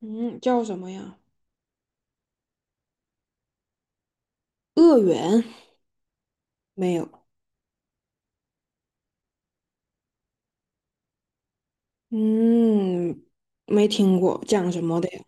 嗯，叫什么呀？恶缘没有，嗯，没听过，讲什么的呀？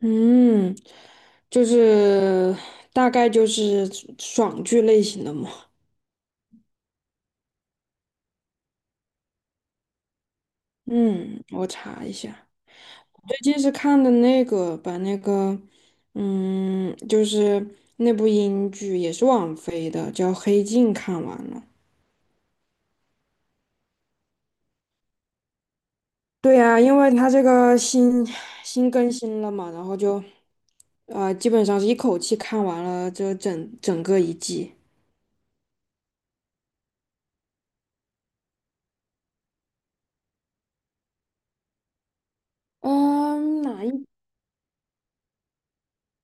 嗯，就是大概就是爽剧类型的嘛。嗯，我查一下，最近是看的那个，把那个，嗯，就是那部英剧也是网飞的，叫《黑镜》，看完了。对呀，因为它这个新更新了嘛，然后就。啊、基本上是一口气看完了这整整个一季。嗯，哪一？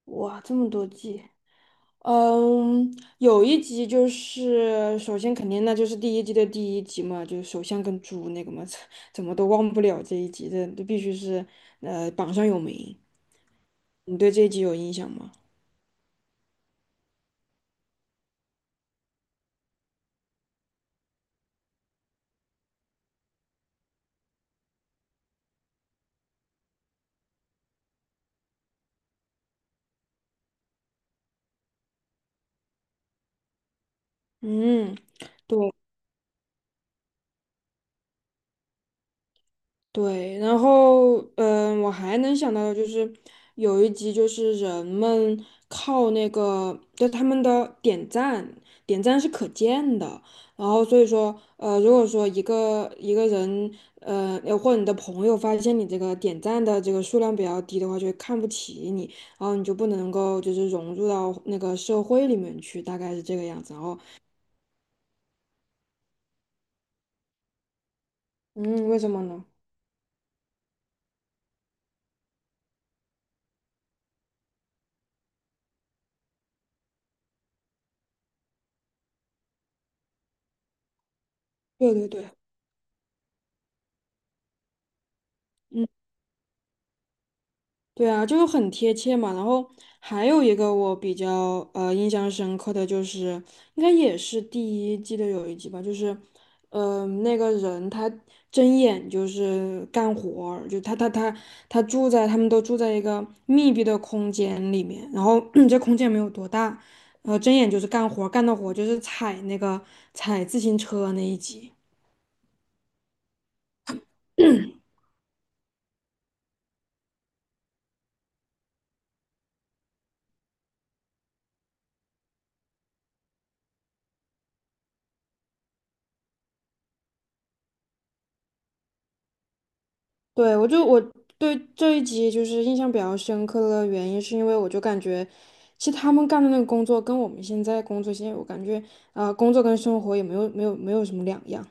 哇，这么多季。嗯，有一集就是首先肯定那就是第一季的第一集嘛，就是首相跟猪那个嘛，怎么都忘不了这一集，这必须是榜上有名。你对这一集有印象吗？嗯。对。对，然后我还能想到的就是有一集就是人们靠那个，就他们的点赞，点赞是可见的，然后所以说如果说一个人或者你的朋友发现你这个点赞的这个数量比较低的话，就会看不起你，然后你就不能够就是融入到那个社会里面去，大概是这个样子。然后嗯，为什么呢？对对对。嗯。对啊，就是很贴切嘛。然后还有一个我比较印象深刻的就是，应该也是第一季的有一集吧，就是，那个人他睁眼就是干活儿就他他他他住在他们都住在一个密闭的空间里面，然后 这空间没有多大，然后睁眼就是干的活儿就是踩自行车那一集。对，我对这一集就是印象比较深刻的原因，是因为我就感觉，其实他们干的那个工作跟我们现在工作，现在我感觉，啊，工作跟生活也没有什么两样。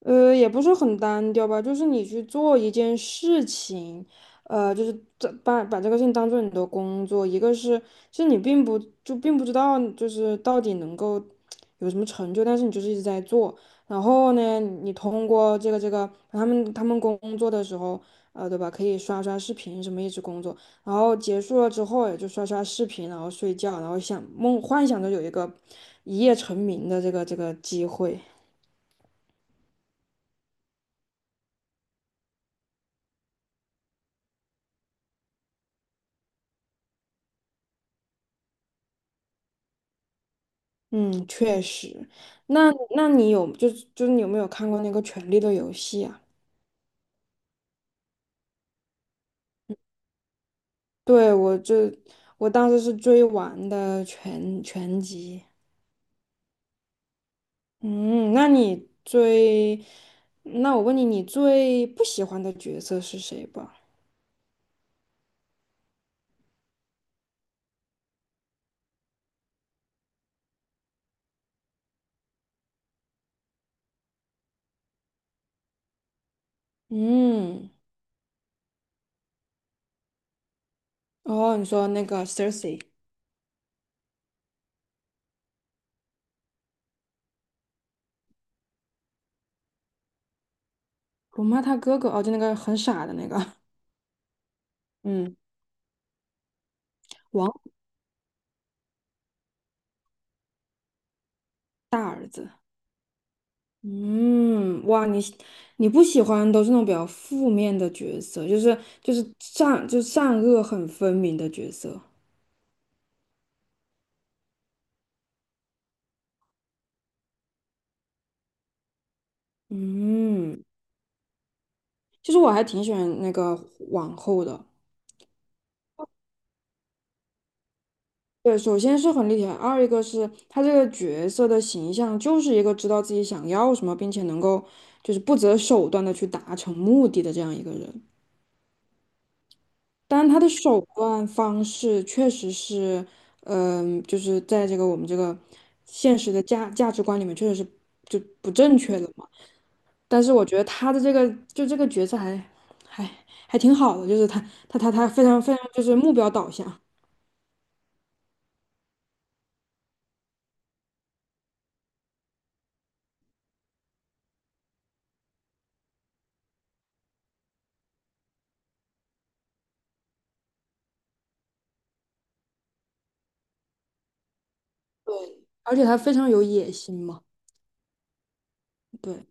也不是很单调吧，就是你去做一件事情，就是这把这个事情当做你的工作。一个是，其实你并不知道，就是到底能够有什么成就，但是你就是一直在做。然后呢，你通过这个他们工作的时候，对吧？可以刷刷视频什么一直工作，然后结束了之后也就刷刷视频，然后睡觉，然后幻想着有一个一夜成名的这个机会。嗯，确实。那那你有就是就是你有没有看过那个《权力的游戏》啊？对，我当时是追完的全集。嗯，那我问你，你最不喜欢的角色是谁吧？嗯，哦，你说那个 Cersei，辱骂他哥哥，哦，就那个很傻的那个，嗯，王大儿子。嗯，哇，你不喜欢都是那种比较负面的角色，就是就是善恶很分明的角色。嗯，其实我还挺喜欢那个王后的。对，首先是很立体，二一个是她这个角色的形象就是一个知道自己想要什么，并且能够就是不择手段的去达成目的的这样一个人。但他的手段方式确实是，就是在我们这个现实的价值观里面，确实是就不正确的嘛。但是我觉得他的这个就这个角色还还挺好的，就是他非常非常就是目标导向，对，而且他非常有野心嘛，对。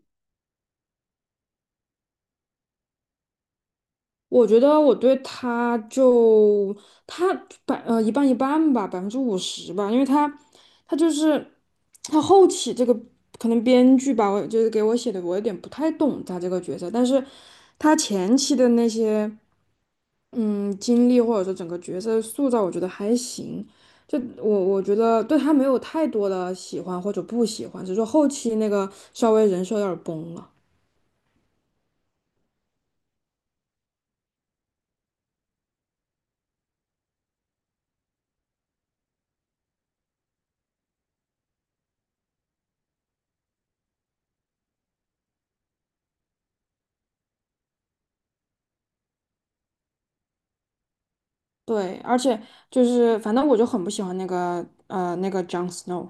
我觉得我对他就他一半一半吧，50%吧，因为他就是他后期这个可能编剧吧，我就是给我写的，我有点不太懂他这个角色，但是他前期的那些嗯经历或者说整个角色塑造，我觉得还行。就我觉得对他没有太多的喜欢或者不喜欢，只是说后期那个稍微人设有点儿崩了。对，而且就是反正我就很不喜欢那个 Jon Snow，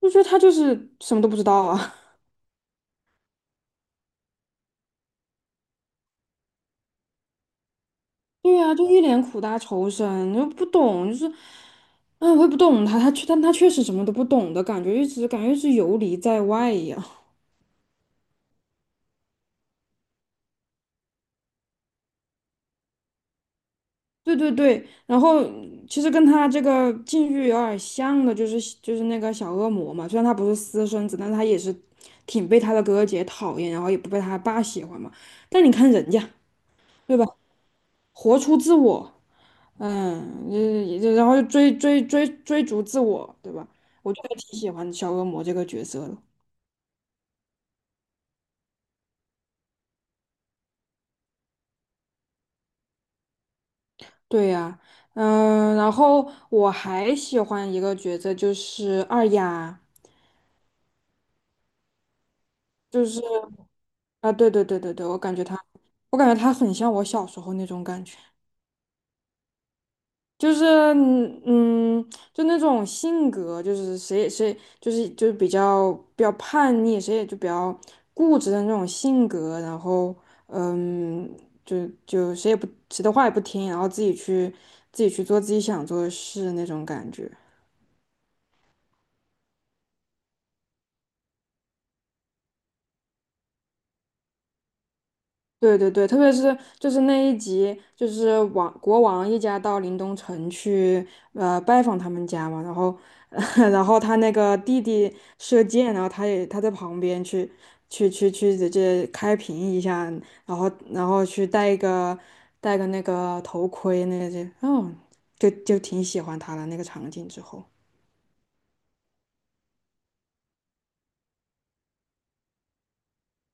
就觉得他就是什么都不知道啊。对啊，就一脸苦大仇深，又不懂，就是，嗯，我也不懂他，但他确实什么都不懂的感觉，一直感觉是游离在外一样。对对对，然后其实跟他这个境遇有点像的，就是那个小恶魔嘛，虽然他不是私生子，但是他也是挺被他的哥哥姐讨厌，然后也不被他爸喜欢嘛。但你看人家，对吧？活出自我。嗯，也然后就追逐自我，对吧？我觉得挺喜欢小恶魔这个角色的。对呀，嗯，然后我还喜欢一个角色，就是二丫，就是啊，对对对对对，我感觉她很像我小时候那种感觉。就是就那种性格，就是谁也谁就是比较叛逆，谁也就比较固执的那种性格，然后嗯，就谁的话也不听，然后自己去做自己想做的事那种感觉。对对对，特别是就是那一集，就是王一家到临东城去拜访他们家嘛，然后 然后他那个弟弟射箭，然后他也在旁边去直接开屏一下，然后去戴个那个头盔那些，哦，就挺喜欢他的那个场景之后。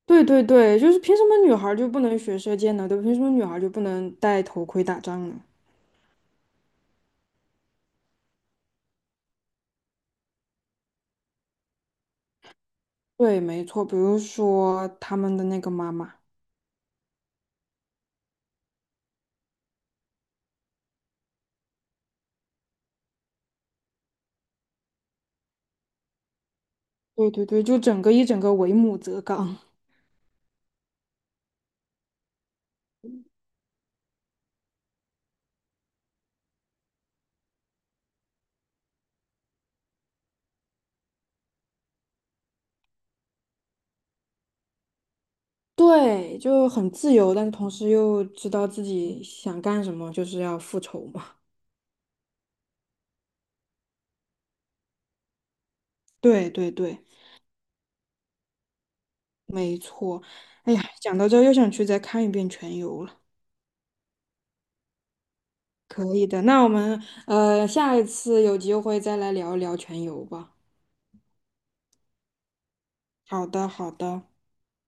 对对对，就是凭什么女孩儿就不能学射箭呢？对吧凭什么女孩儿就不能戴头盔打仗呢？对，没错，比如说他们的那个妈妈，对对对，就整个为母则刚，对，就很自由，但是同时又知道自己想干什么，就是要复仇嘛。对对对，哎呀，讲到这儿又想去再看一遍《全游》了。可以的，那我们下一次有机会再来聊一聊《全游》吧。好的，好的。